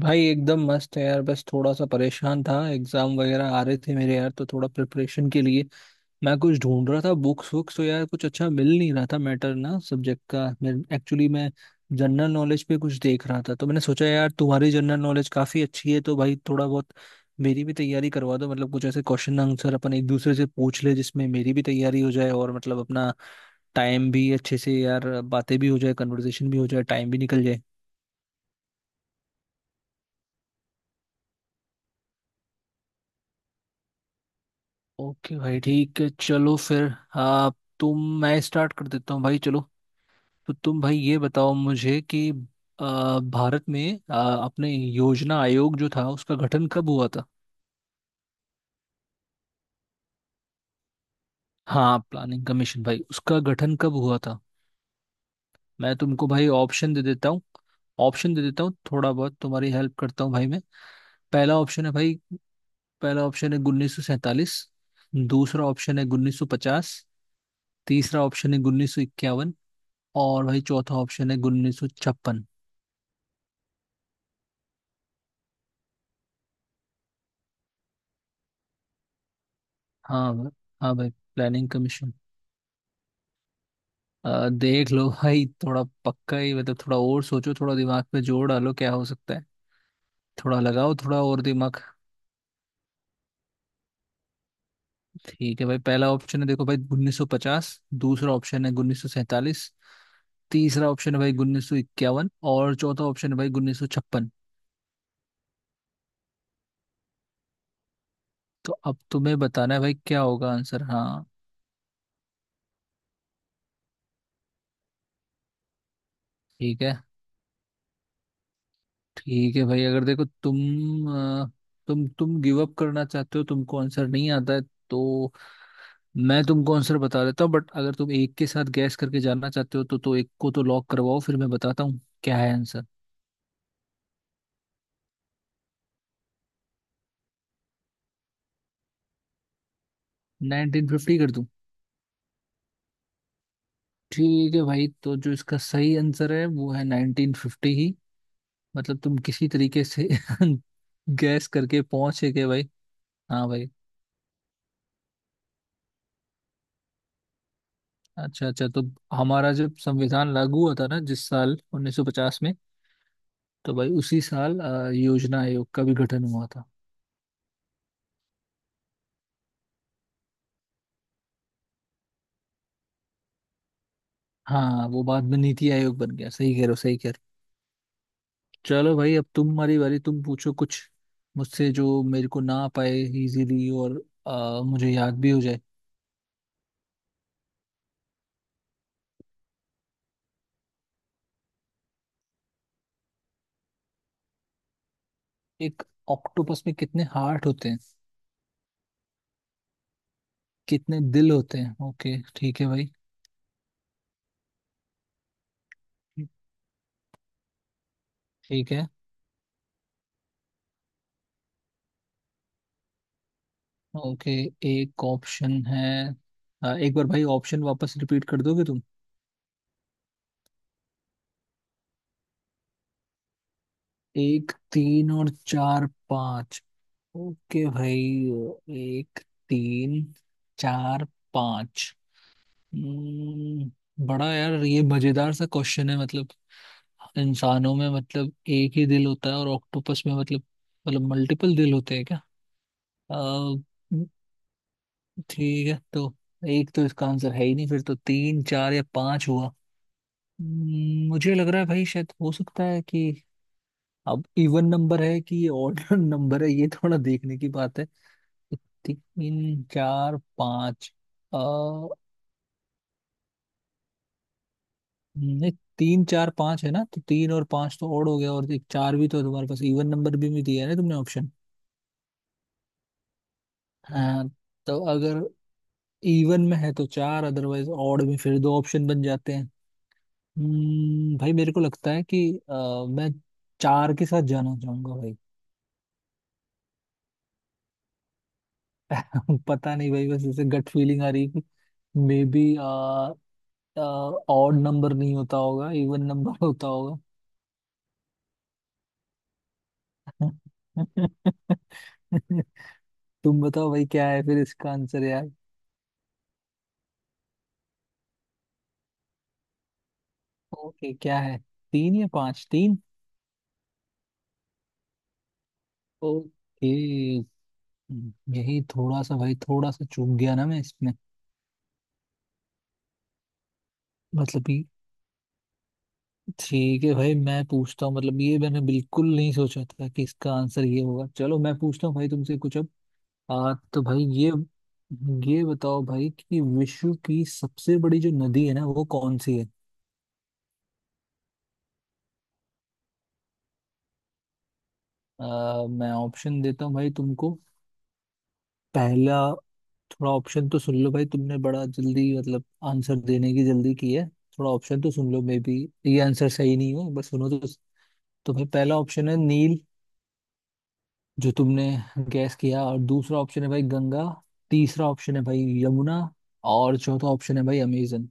भाई एकदम मस्त है यार। बस थोड़ा सा परेशान था, एग्जाम वगैरह आ रहे थे मेरे यार, तो थोड़ा प्रिपरेशन के लिए मैं कुछ ढूंढ रहा था। बुक्स वुक्स तो यार कुछ अच्छा मिल नहीं रहा था, मैटर ना सब्जेक्ट का। मैं एक्चुअली मैं जनरल नॉलेज पे कुछ देख रहा था, तो मैंने सोचा यार तुम्हारी जनरल नॉलेज काफी अच्छी है, तो भाई थोड़ा बहुत मेरी भी तैयारी करवा दो। मतलब कुछ ऐसे क्वेश्चन आंसर अपन एक दूसरे से पूछ ले जिसमें मेरी भी तैयारी हो जाए, और मतलब अपना टाइम भी अच्छे से यार बातें भी हो जाए, कन्वर्सेशन भी हो जाए, टाइम भी निकल जाए। ओके भाई, ठीक है, चलो फिर। आप तुम मैं स्टार्ट कर देता हूँ भाई, चलो। तो तुम भाई ये बताओ मुझे कि भारत में अपने योजना आयोग जो था उसका गठन कब हुआ था? हाँ, प्लानिंग कमीशन भाई, उसका गठन कब हुआ था? मैं तुमको भाई ऑप्शन दे देता हूँ। ऑप्शन दे देता हूँ, थोड़ा बहुत तुम्हारी हेल्प करता हूँ भाई मैं। पहला ऑप्शन है भाई। पहला ऑप्शन है 1947। दूसरा ऑप्शन है 1950। तीसरा ऑप्शन है 1951। और भाई चौथा ऑप्शन है 1956। हाँ भाई। हाँ भाई, प्लानिंग कमीशन। देख लो भाई थोड़ा पक्का ही, मतलब थोड़ा और सोचो, थोड़ा दिमाग पे जोर डालो, क्या हो सकता है। थोड़ा लगाओ थोड़ा और दिमाग। ठीक है भाई। पहला ऑप्शन है देखो भाई 1950। दूसरा ऑप्शन है 1947। तीसरा ऑप्शन है भाई 1951, और चौथा ऑप्शन है भाई 1956। तो अब तुम्हें बताना है भाई क्या होगा आंसर। हाँ। ठीक है। ठीक है भाई, अगर देखो तुम अ, तुम गिव अप करना चाहते हो, तुमको आंसर नहीं आता है, तो मैं तुमको आंसर बता देता हूँ। बट अगर तुम एक के साथ गैस करके जानना चाहते हो तो एक को तो लॉक करवाओ, फिर मैं बताता हूँ क्या है आंसर। 1950 कर दूं? ठीक है भाई, तो जो इसका सही आंसर है वो है 1950 ही। मतलब तुम किसी तरीके से गैस करके पहुंचे गए भाई। हाँ भाई। अच्छा अच्छा, तो हमारा जब संविधान लागू हुआ था ना, जिस साल 1950 में, तो भाई उसी साल योजना आयोग का भी गठन हुआ था। हाँ, वो बाद में नीति आयोग बन गया, सही कह रहे हो, सही कह रहे हो। चलो भाई, अब तुम्हारी बारी, तुम पूछो कुछ मुझसे जो मेरे को ना पाए इजीली, और मुझे याद भी हो जाए। एक ऑक्टोपस में कितने हार्ट होते हैं? कितने दिल होते हैं? ओके, ठीक है भाई। ठीक है। ओके। एक ऑप्शन है। एक बार भाई ऑप्शन वापस रिपीट कर दोगे तुम? एक, तीन और चार, पाँच। ओके भाई। एक, तीन, चार, पाँच। बड़ा यार ये मजेदार सा क्वेश्चन है, मतलब इंसानों में मतलब एक ही दिल होता है, और ऑक्टोपस में मतलब मल्टीपल दिल होते हैं क्या? हम्म। ठीक है। तो एक तो इसका आंसर है ही नहीं, फिर तो तीन, चार या पाँच हुआ। मुझे लग रहा है भाई शायद हो सकता है कि अब इवन नंबर है कि ये ऑड नंबर है, ये थोड़ा देखने की बात है। तीन, चार, पाँच। अ नहीं, तीन, चार, पाँच है ना, तो तीन और पाँच तो ओड हो गया, और एक चार भी तो है तुम्हारे पास, इवन नंबर भी दिया है ना तुमने ऑप्शन। हाँ। तो अगर इवन में है तो चार, अदरवाइज ऑड में फिर दो ऑप्शन बन जाते हैं। भाई मेरे को लगता है कि अ, मैं चार के साथ जाना चाहूंगा भाई। पता नहीं भाई, बस ऐसे गट फीलिंग आ रही है कि मे बी ऑड नंबर नहीं होता होगा, इवन नंबर होता होगा। तुम बताओ भाई क्या है फिर इसका आंसर यार। ओके, क्या है, तीन या पांच? तीन। ओके। यही थोड़ा सा भाई, थोड़ा सा चूक गया ना मैं इसमें। मतलब कि ठीक है भाई मैं पूछता हूँ, मतलब ये मैंने बिल्कुल नहीं सोचा था कि इसका आंसर ये होगा। चलो मैं पूछता हूँ भाई तुमसे कुछ अब। तो भाई ये बताओ भाई कि विश्व की सबसे बड़ी जो नदी है ना, वो कौन सी है? मैं ऑप्शन देता हूँ भाई तुमको। पहला, थोड़ा ऑप्शन तो सुन लो भाई, तुमने बड़ा जल्दी मतलब आंसर देने की जल्दी की है। थोड़ा ऑप्शन तो सुन लो, मे बी ये आंसर सही नहीं हो, बस सुनो तो। तुम्हें पहला ऑप्शन है नील, जो तुमने गैस किया। और दूसरा ऑप्शन है भाई गंगा। तीसरा ऑप्शन है भाई यमुना। और चौथा ऑप्शन है भाई अमेजन।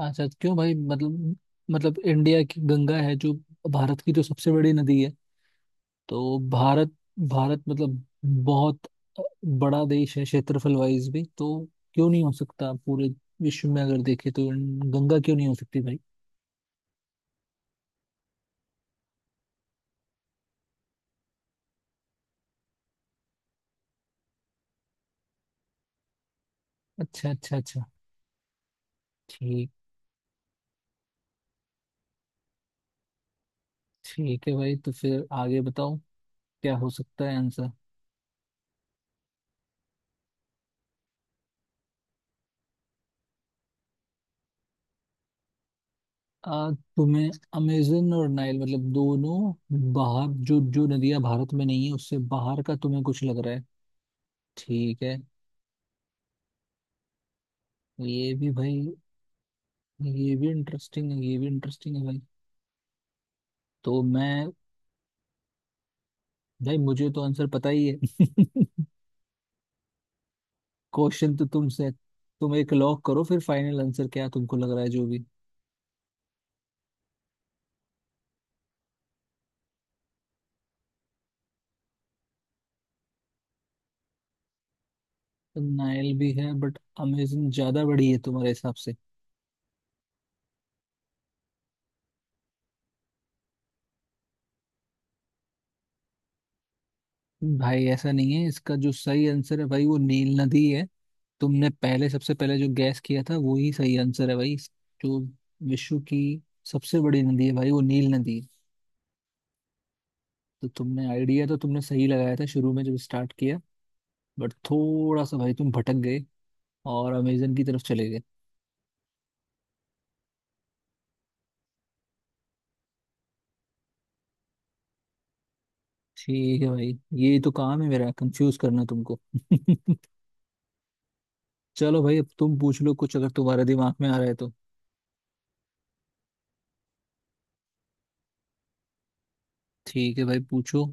अच्छा, क्यों भाई, मतलब इंडिया की गंगा है जो भारत की तो सबसे बड़ी नदी है। तो भारत भारत मतलब बहुत बड़ा देश है क्षेत्रफल वाइज भी, तो क्यों नहीं हो सकता, पूरे विश्व में अगर देखे तो, गंगा क्यों नहीं हो सकती भाई? अच्छा अच्छा अच्छा। ठीक, ठीक है भाई, तो फिर आगे बताओ क्या हो सकता है आंसर। तुम्हें अमेजन और नाइल मतलब दोनों, बाहर, जो जो नदियां भारत में नहीं है उससे बाहर का, तुम्हें कुछ लग रहा है? ठीक है। ये भी भाई, ये भी इंटरेस्टिंग है, ये भी इंटरेस्टिंग है भाई। तो मैं भाई, मुझे तो आंसर पता ही है क्वेश्चन तो तुमसे, तुम एक लॉक करो फिर, फाइनल आंसर क्या तुमको लग रहा है जो भी। नाइल भी है बट अमेजन ज्यादा बड़ी है तुम्हारे हिसाब से। भाई ऐसा नहीं है, इसका जो सही आंसर है भाई वो नील नदी है। तुमने पहले सबसे पहले जो गैस किया था वो ही सही आंसर है भाई। जो विश्व की सबसे बड़ी नदी है भाई, वो नील नदी है। तो तुमने आइडिया तो तुमने सही लगाया था शुरू में जब स्टार्ट किया, बट थोड़ा सा भाई तुम भटक गए और अमेजन की तरफ चले गए। ठीक है भाई, ये तो काम है मेरा, कंफ्यूज करना तुमको चलो भाई, अब तुम पूछ लो कुछ अगर तुम्हारे दिमाग में आ रहा है तो। ठीक है भाई, पूछो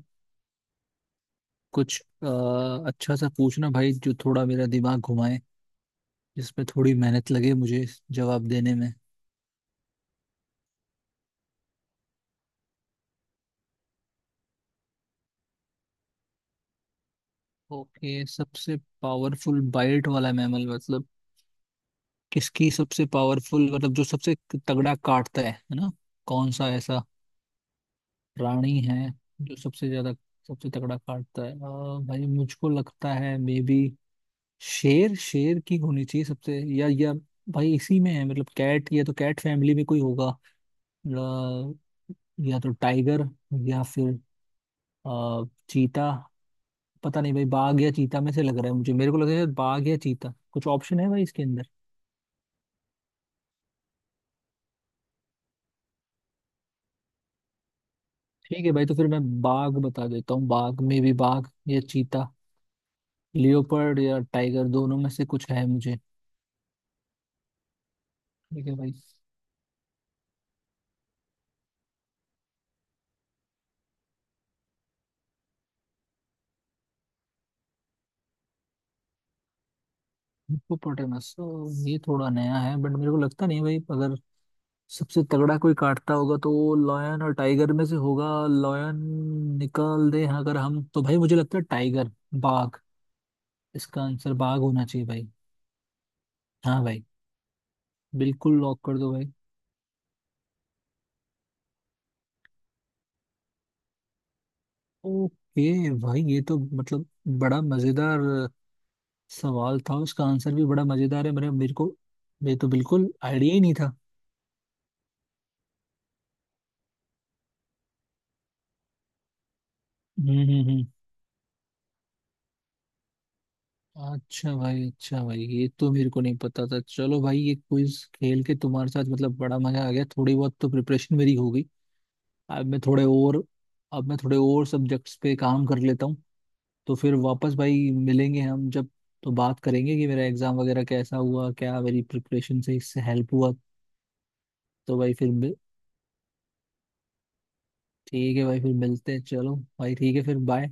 कुछ। अच्छा सा पूछना भाई जो थोड़ा मेरा दिमाग घुमाए, जिसमें थोड़ी मेहनत लगे मुझे जवाब देने में। ओके, सबसे पावरफुल बाइट वाला मैमल, मतलब किसकी सबसे पावरफुल, मतलब जो सबसे तगड़ा काटता है ना? कौन सा ऐसा प्राणी है जो सबसे ज्यादा, सबसे तगड़ा काटता है? भाई मुझको लगता है मे बी शेर, शेर की होनी चाहिए सबसे, या भाई इसी में है, मतलब कैट, या तो कैट फैमिली में कोई होगा। अ, या तो टाइगर, या फिर अ, चीता। पता नहीं भाई, बाघ या चीता में से लग रहा है मुझे, मेरे को लग रहा है बाघ या चीता, कुछ ऑप्शन है भाई इसके अंदर। ठीक है भाई, तो फिर मैं बाघ बता देता हूँ। बाघ में भी, बाघ या चीता, लियोपर्ड या टाइगर, दोनों में से कुछ है मुझे। ठीक है भाई। हिप्पोपोटामस तो ये थोड़ा नया है, बट मेरे को लगता नहीं भाई, अगर सबसे तगड़ा कोई काटता होगा तो वो लॉयन और टाइगर में से होगा। लॉयन निकाल दे, हाँ, अगर हम, तो भाई मुझे लगता है टाइगर, बाघ, इसका आंसर बाघ होना चाहिए भाई। हाँ भाई, बिल्कुल लॉक कर दो भाई। ओके भाई, ये तो मतलब बड़ा मजेदार सवाल था, उसका आंसर भी बड़ा मजेदार है मेरे मेरे को। ये तो बिल्कुल आइडिया ही नहीं था। हम्म हम्म हम्म। अच्छा भाई, अच्छा भाई, ये तो मेरे को नहीं पता था। चलो भाई, ये क्विज खेल के तुम्हारे साथ मतलब बड़ा मजा आ गया, थोड़ी बहुत तो प्रिपरेशन मेरी हो गई। अब मैं थोड़े और अब मैं थोड़े और सब्जेक्ट्स पे काम कर लेता हूँ। तो फिर वापस भाई मिलेंगे हम, जब तो बात करेंगे कि मेरा एग्जाम वगैरह कैसा हुआ, क्या मेरी प्रिपरेशन से इससे हेल्प हुआ। तो भाई फिर मिल- ठीक है भाई, फिर मिलते हैं, चलो। भाई ठीक है, फिर बाय।